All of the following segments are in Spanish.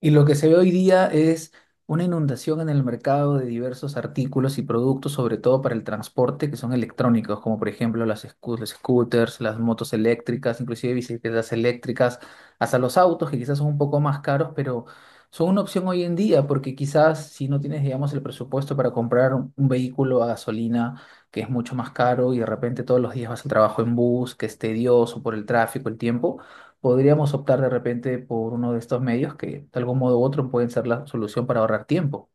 Y lo que se ve hoy día es una inundación en el mercado de diversos artículos y productos, sobre todo para el transporte, que son electrónicos, como por ejemplo los scooters, las motos eléctricas, inclusive bicicletas eléctricas, hasta los autos, que quizás son un poco más caros, pero son una opción hoy en día, porque quizás si no tienes, digamos, el presupuesto para comprar un vehículo a gasolina, que es mucho más caro, y de repente todos los días vas al trabajo en bus, que es tedioso por el tráfico, el tiempo. Podríamos optar de repente por uno de estos medios que de algún modo u otro pueden ser la solución para ahorrar tiempo.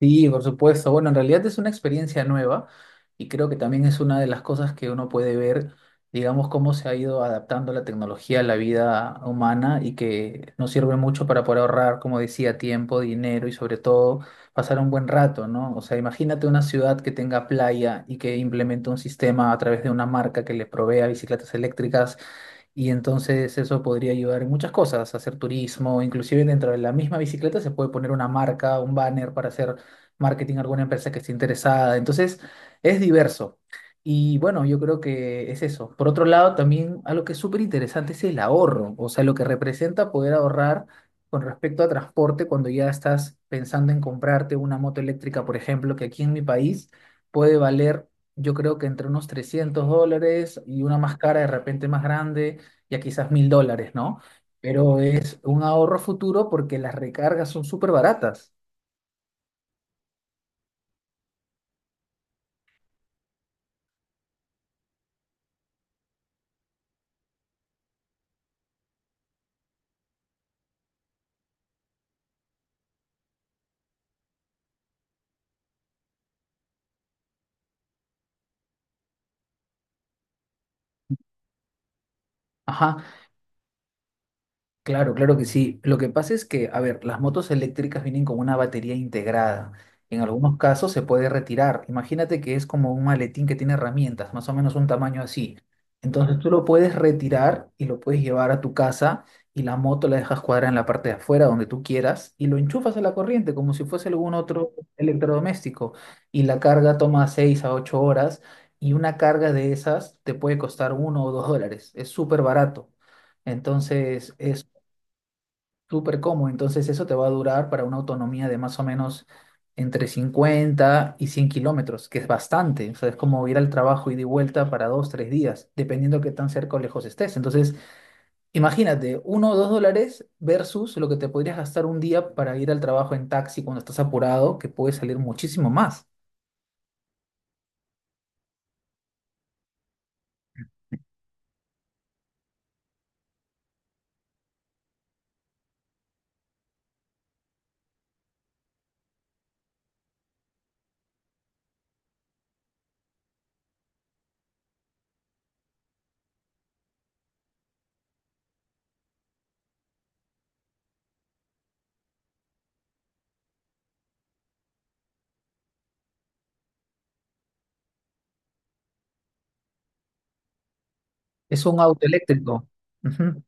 Sí, por supuesto. Bueno, en realidad es una experiencia nueva y creo que también es una de las cosas que uno puede ver, digamos, cómo se ha ido adaptando la tecnología a la vida humana y que nos sirve mucho para poder ahorrar, como decía, tiempo, dinero y sobre todo pasar un buen rato, ¿no? O sea, imagínate una ciudad que tenga playa y que implemente un sistema a través de una marca que le provea bicicletas eléctricas y entonces eso podría ayudar en muchas cosas, hacer turismo, inclusive dentro de la misma bicicleta se puede poner una marca, un banner para hacer marketing a alguna empresa que esté interesada, entonces es diverso. Y bueno, yo creo que es eso. Por otro lado, también algo que es súper interesante es el ahorro, o sea, lo que representa poder ahorrar con respecto a transporte cuando ya estás pensando en comprarte una moto eléctrica, por ejemplo, que aquí en mi país puede valer, yo creo que entre unos $300 y una más cara de repente más grande, ya quizás $1,000, ¿no? Pero es un ahorro futuro porque las recargas son súper baratas. Ajá. Claro, claro que sí. Lo que pasa es que, a ver, las motos eléctricas vienen con una batería integrada. En algunos casos se puede retirar. Imagínate que es como un maletín que tiene herramientas, más o menos un tamaño así. Entonces tú lo puedes retirar y lo puedes llevar a tu casa y la moto la dejas cuadrada en la parte de afuera donde tú quieras y lo enchufas a la corriente como si fuese algún otro electrodoméstico. Y la carga toma 6 a 8 horas y una carga de esas te puede costar uno o dos dólares. Es súper barato. Entonces, es súper cómodo. Entonces eso te va a durar para una autonomía de más o menos entre 50 y 100 kilómetros, que es bastante. O sea, es como ir al trabajo y de vuelta para dos, tres días, dependiendo qué tan cerca o lejos estés. Entonces, imagínate, uno o dos dólares versus lo que te podrías gastar un día para ir al trabajo en taxi cuando estás apurado, que puede salir muchísimo más. Es un auto eléctrico. Ujú.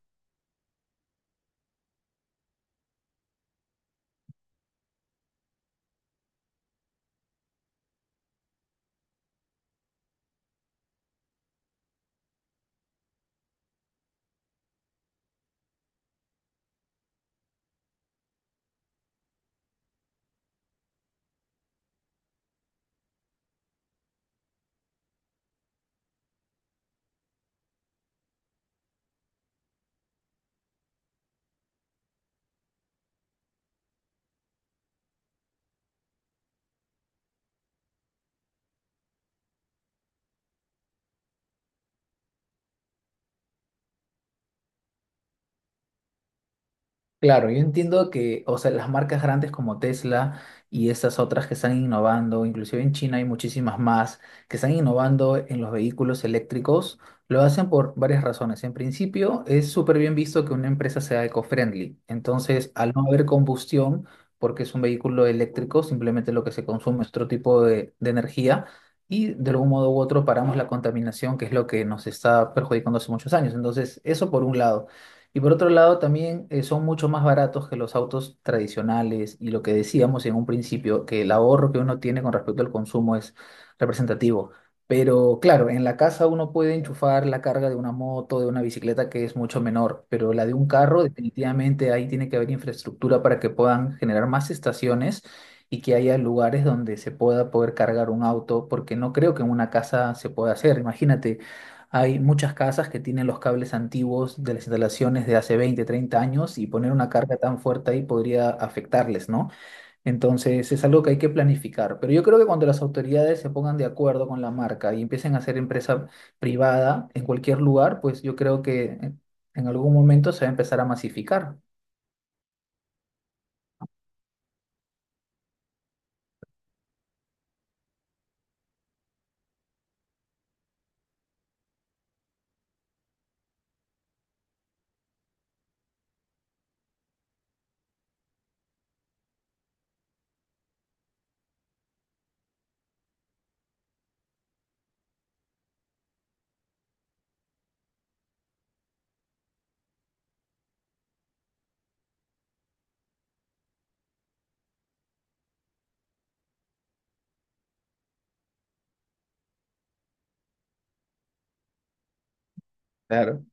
Claro, yo entiendo que, o sea, las marcas grandes como Tesla y esas otras que están innovando, inclusive en China hay muchísimas más que están innovando en los vehículos eléctricos, lo hacen por varias razones. En principio, es súper bien visto que una empresa sea eco-friendly. Entonces, al no haber combustión, porque es un vehículo eléctrico, simplemente lo que se consume es otro tipo de energía y de algún modo u otro paramos la contaminación, que es lo que nos está perjudicando hace muchos años. Entonces, eso por un lado. Y por otro lado, también son mucho más baratos que los autos tradicionales y lo que decíamos en un principio, que el ahorro que uno tiene con respecto al consumo es representativo. Pero claro, en la casa uno puede enchufar la carga de una moto, de una bicicleta que es mucho menor, pero la de un carro definitivamente ahí tiene que haber infraestructura para que puedan generar más estaciones y que haya lugares donde se pueda poder cargar un auto, porque no creo que en una casa se pueda hacer. Imagínate, hay muchas casas que tienen los cables antiguos de las instalaciones de hace 20, 30 años y poner una carga tan fuerte ahí podría afectarles, ¿no? Entonces es algo que hay que planificar. Pero yo creo que cuando las autoridades se pongan de acuerdo con la marca y empiecen a hacer empresa privada en cualquier lugar, pues yo creo que en algún momento se va a empezar a masificar. Claro.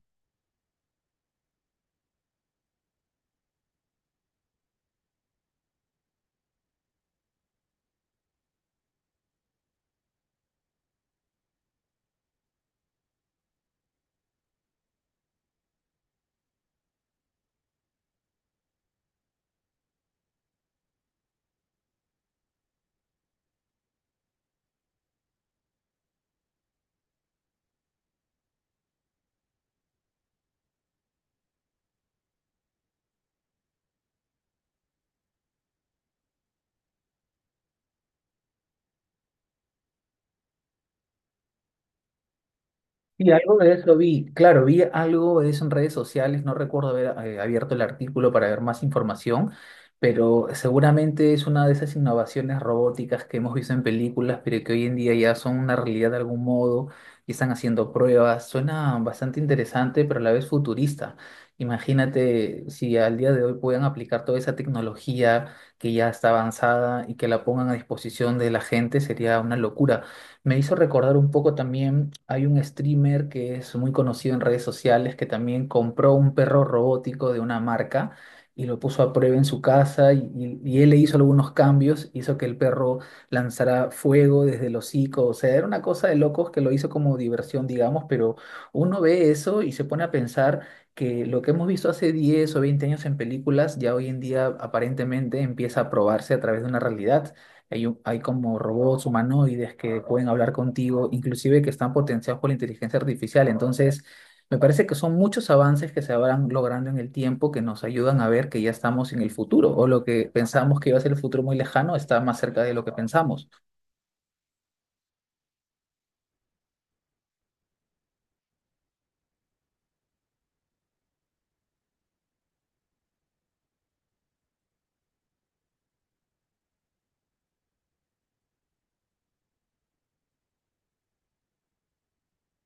Sí, algo de eso vi, claro, vi algo de eso en redes sociales, no recuerdo haber abierto el artículo para ver más información, pero seguramente es una de esas innovaciones robóticas que hemos visto en películas, pero que hoy en día ya son una realidad de algún modo y están haciendo pruebas. Suena bastante interesante, pero a la vez futurista. Imagínate si al día de hoy puedan aplicar toda esa tecnología que ya está avanzada y que la pongan a disposición de la gente, sería una locura. Me hizo recordar un poco también, hay un streamer que es muy conocido en redes sociales que también compró un perro robótico de una marca y lo puso a prueba en su casa y él le hizo algunos cambios, hizo que el perro lanzara fuego desde el hocico, o sea, era una cosa de locos que lo hizo como diversión, digamos, pero uno ve eso y se pone a pensar que lo que hemos visto hace 10 o 20 años en películas ya hoy en día aparentemente empieza a probarse a través de una realidad. Hay, un- hay como robots humanoides que pueden hablar contigo, inclusive que están potenciados por la inteligencia artificial. Entonces, me parece que son muchos avances que se habrán logrando en el tiempo que nos ayudan a ver que ya estamos en el futuro, o lo que pensamos que iba a ser el futuro muy lejano está más cerca de lo que pensamos.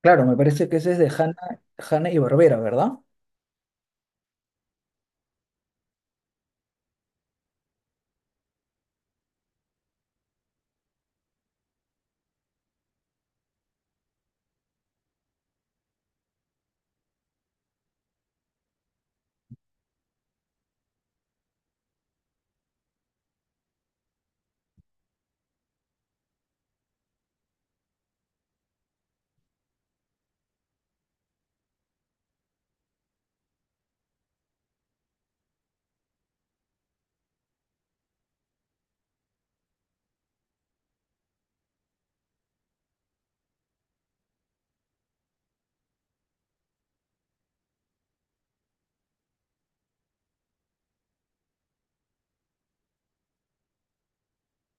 Claro, me parece que ese es de Hanna y Barbera, ¿verdad?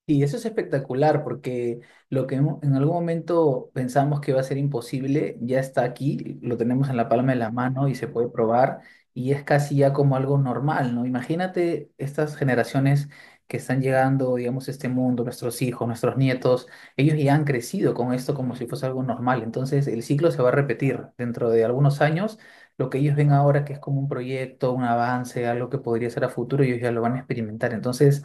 Y eso es espectacular porque lo que en algún momento pensamos que va a ser imposible ya está aquí, lo tenemos en la palma de la mano y se puede probar y es casi ya como algo normal, ¿no? Imagínate estas generaciones que están llegando, digamos, a este mundo, nuestros hijos, nuestros nietos, ellos ya han crecido con esto como si fuese algo normal, entonces el ciclo se va a repetir dentro de algunos años. Lo que ellos ven ahora que es como un proyecto, un avance, algo que podría ser a futuro, ellos ya lo van a experimentar. Entonces,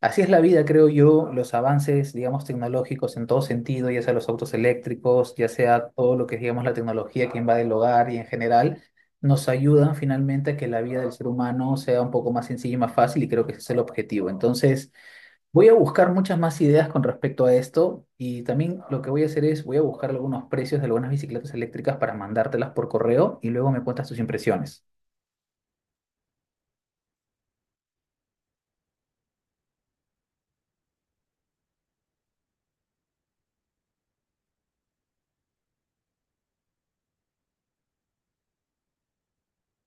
así es la vida, creo yo, los avances, digamos, tecnológicos en todo sentido, ya sea los autos eléctricos, ya sea todo lo que es, digamos, la tecnología que invade el hogar y en general, nos ayudan finalmente a que la vida del ser humano sea un poco más sencilla y más fácil y creo que ese es el objetivo. Entonces, voy a buscar muchas más ideas con respecto a esto y también lo que voy a hacer es, voy a buscar algunos precios de algunas bicicletas eléctricas para mandártelas por correo y luego me cuentas tus impresiones.